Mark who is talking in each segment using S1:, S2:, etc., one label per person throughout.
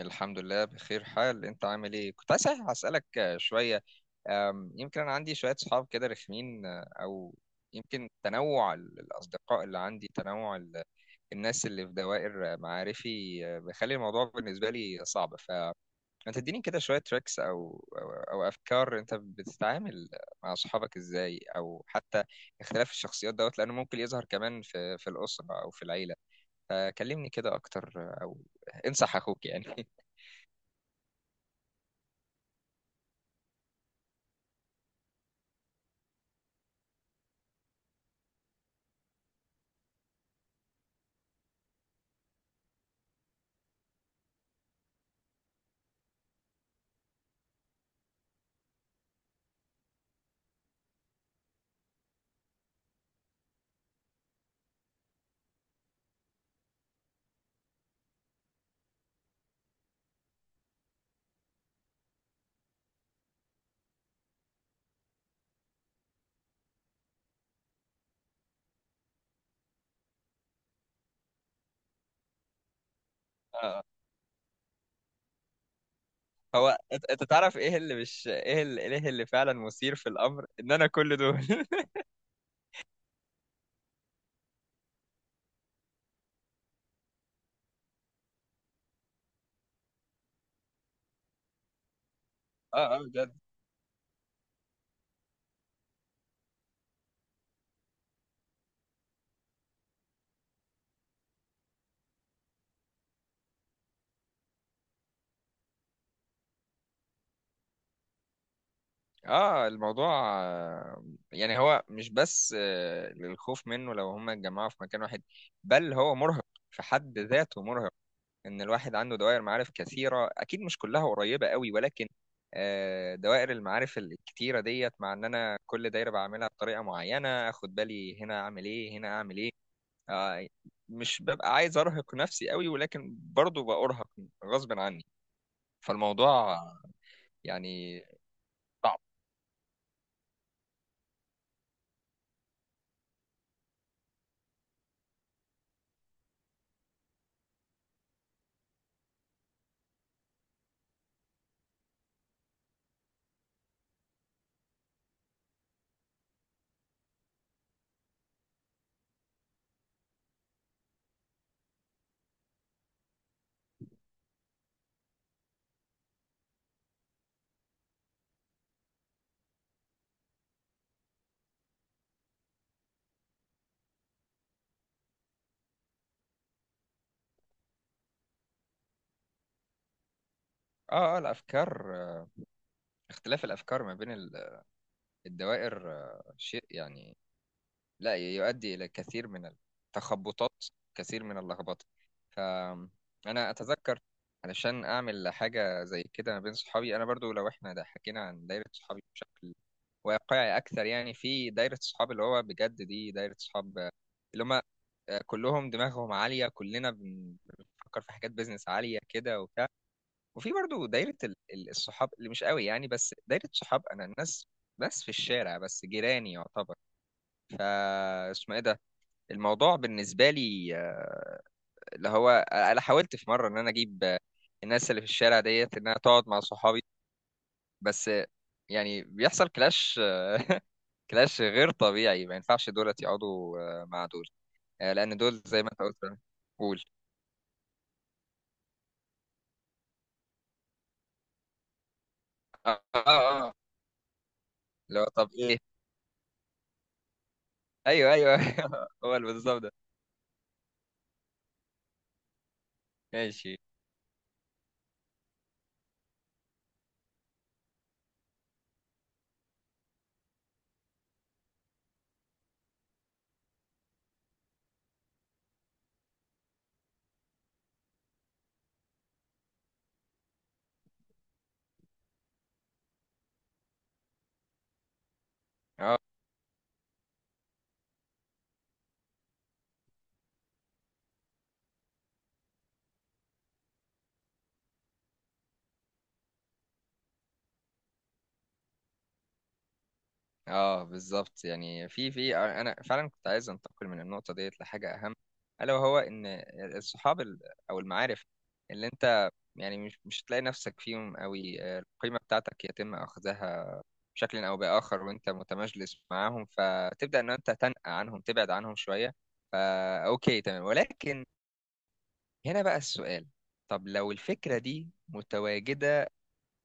S1: الحمد لله بخير حال. انت عامل ايه؟ كنت عايز اسالك شويه. يمكن انا عندي شويه صحاب كده رخمين، او يمكن تنوع الاصدقاء اللي عندي، تنوع الناس اللي في دوائر معارفي بيخلي الموضوع بالنسبه لي صعب. فانت تديني كده شويه تريكس او او أو افكار. انت بتتعامل مع صحابك ازاي؟ او حتى اختلاف الشخصيات دوت، لانه ممكن يظهر كمان في الاسره او في العيله. فكلمني كده اكتر او انصح اخوك يعني. هو انت تعرف ايه اللي مش، ايه اللي فعلا مثير في الامر، ان انا كل دول. اه اه بجد. اه الموضوع يعني هو مش بس للخوف منه لو هم اتجمعوا في مكان واحد، بل هو مرهق في حد ذاته. مرهق ان الواحد عنده دوائر معارف كثيرة، اكيد مش كلها قريبة قوي، ولكن دوائر المعارف الكتيرة ديت، مع ان انا كل دايرة بعملها بطريقة معينة، اخد بالي هنا اعمل ايه، هنا اعمل ايه. آه، مش ببقى عايز ارهق نفسي قوي، ولكن برضو بأرهق غصب عني. فالموضوع يعني صعب. اه اه الافكار، اختلاف الافكار ما بين الدوائر شيء يعني لا يؤدي الى كثير من التخبطات، كثير من اللخبطه. فانا اتذكر علشان اعمل حاجه زي كده ما بين صحابي. انا برضو، لو احنا ده حكينا عن دايره صحابي بشكل واقعي اكثر، يعني في دايره صحاب اللي هو بجد دي دايره صحاب، اللي هم كلهم دماغهم عالية، كلنا بنفكر في حاجات بيزنس عالية كده وبتاع. وفي برضو دايرة الصحاب اللي مش قوي يعني، بس دايرة صحاب أنا، الناس بس في الشارع، بس جيراني يعتبر. فا اسمه ايه ده، الموضوع بالنسبة لي اللي هو، أنا حاولت في مرة إن أنا أجيب الناس اللي في الشارع ديت إنها تقعد مع صحابي. بس يعني بيحصل كلاش كلاش غير طبيعي. ما ينفعش دولت يقعدوا مع دول، لأن دول زي ما أنت قلت. قول. اه اه. آه. اللي هو طب ايه. ايوه ايوه هو اللي بالظبط ده. ماشي. اه اه بالظبط. يعني في انا فعلا كنت عايز انتقل من النقطه ديت لحاجه اهم. الا وهو ان الصحاب او المعارف اللي انت يعني مش هتلاقي نفسك فيهم قوي، القيمه بتاعتك يتم اخذها بشكل او باخر وانت متمجلس معاهم، فتبدا ان انت تنأى عنهم، تبعد عنهم شويه. فا اوكي، تمام. ولكن هنا بقى السؤال، طب لو الفكره دي متواجده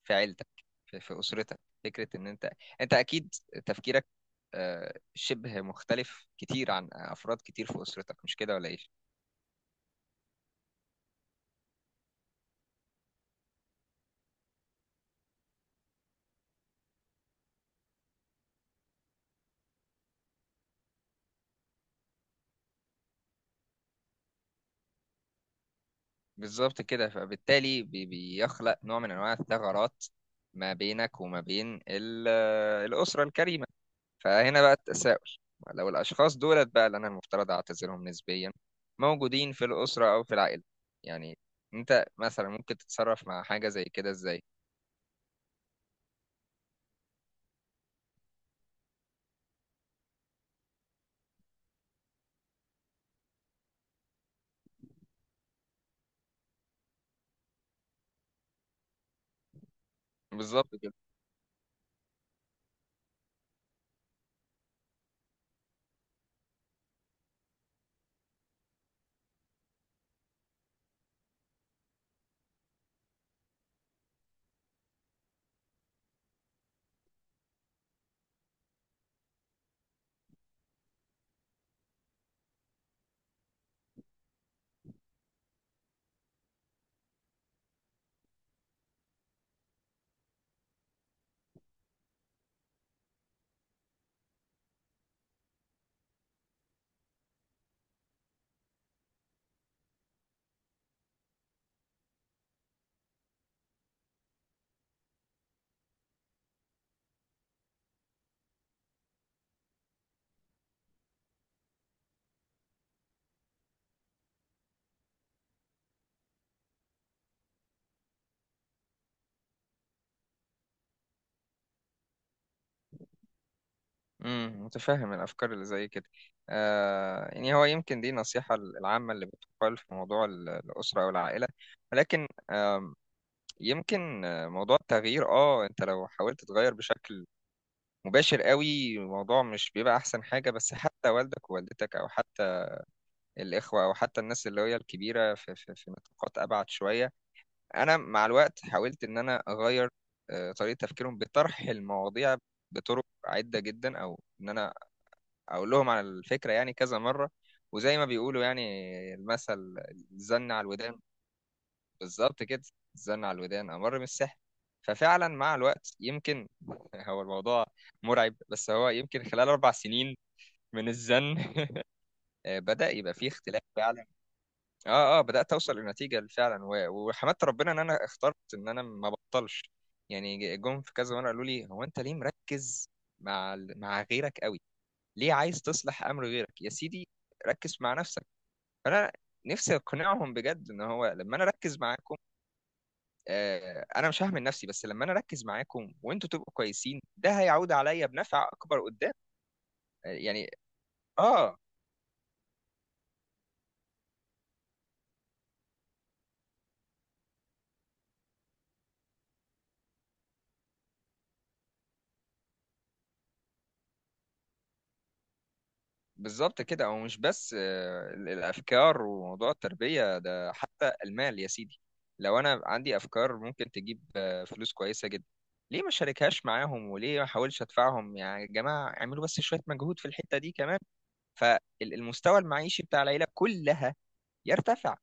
S1: في عيلتك، في اسرتك، فكره ان انت، انت اكيد تفكيرك شبه مختلف كتير عن افراد كتير في اسرتك، مش كده ولا ايه؟ بالظبط كده. فبالتالي بيخلق نوع من انواع الثغرات ما بينك وما بين الاسره الكريمه. فهنا بقى التساؤل، لو الاشخاص دولت بقى اللي انا المفترض اعتذرهم نسبيا موجودين في الاسره او في العائله، يعني انت مثلا ممكن تتصرف مع حاجه زي كده ازاي؟ بالظبط. امم، متفهم الافكار اللي زي كده. آه يعني هو يمكن دي النصيحه العامه اللي بتقال في موضوع الاسره او العائله، ولكن يمكن موضوع التغيير، اه انت لو حاولت تغير بشكل مباشر قوي، الموضوع مش بيبقى احسن حاجه. بس حتى والدك ووالدتك، او حتى الاخوه، او حتى الناس اللي هي الكبيره في نطاقات ابعد شويه، انا مع الوقت حاولت ان انا اغير طريقه تفكيرهم بطرح المواضيع بطرق عده جدا، او ان انا اقول لهم على الفكره يعني كذا مره. وزي ما بيقولوا يعني المثل، الزن على الودان. بالظبط كده، الزن على الودان امر من السحر. ففعلا مع الوقت يمكن هو الموضوع مرعب، بس هو يمكن خلال اربع سنين من الزن بدأ يبقى فيه اختلاف فعلا. اه اه بدأت اوصل لنتيجة فعلا، وحمدت ربنا ان انا اخترت ان انا ما بطلش. يعني جم في كذا مره قالوا لي هو انت ليه مركز مع مع غيرك قوي، ليه عايز تصلح امر غيرك يا سيدي، ركز مع نفسك. فانا نفسي اقنعهم بجد ان هو لما انا اركز معاكم، آه انا مش هعمل نفسي بس، لما انا اركز معاكم وانتوا تبقوا كويسين، ده هيعود عليا بنفع اكبر قدام. يعني اه. بالظبط كده. هو مش بس آه الافكار وموضوع التربية، ده حتى المال يا سيدي. لو انا عندي افكار ممكن تجيب فلوس كويسة جدا، ليه ما شاركهاش معاهم؟ وليه ما احاولش ادفعهم يعني، يا جماعة اعملوا بس شوية مجهود في الحتة دي كمان، فالمستوى المعيشي بتاع العيلة كلها يرتفع.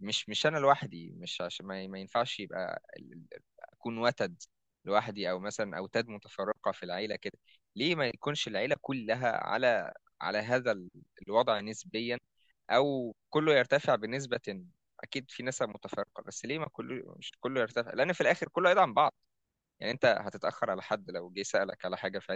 S1: مش أنا لوحدي، مش عشان ما ينفعش يبقى أكون وتد لوحدي، أو مثلا أوتاد متفرقة في العيلة كده. ليه ما يكونش العيلة كلها على على هذا الوضع نسبيا، أو كله يرتفع بنسبة، أكيد في نسب متفرقة، بس ليه ما كله، مش كله يرتفع؟ لأن في الآخر كله هيدعم بعض. يعني أنت هتتأخر على حد لو جه سألك على حاجة في.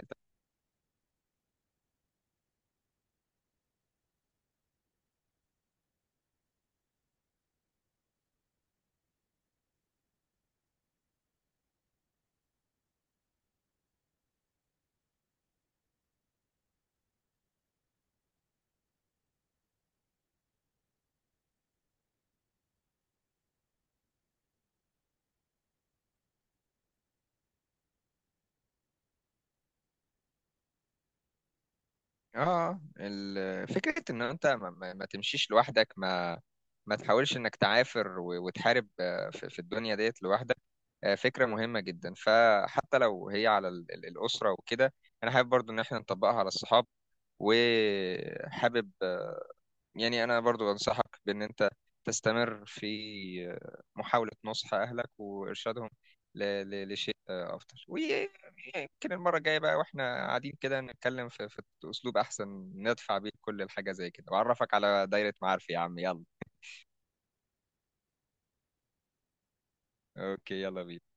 S1: اه فكرة ان انت ما تمشيش لوحدك، ما ما تحاولش انك تعافر وتحارب في الدنيا ديت لوحدك، فكرة مهمة جدا. فحتى لو هي على الأسرة وكده، انا حابب برضو ان احنا نطبقها على الصحاب. وحابب يعني أنا برضو أنصحك بإن أنت تستمر في محاولة نصح أهلك وإرشادهم ل- لشيء أفضل. ويمكن المرة الجاية بقى وإحنا قاعدين كده نتكلم في أسلوب أحسن ندفع بيه كل الحاجة زي كده، وأعرفك على دايرة معارفي يا عم، يلا. أوكي يلا بينا.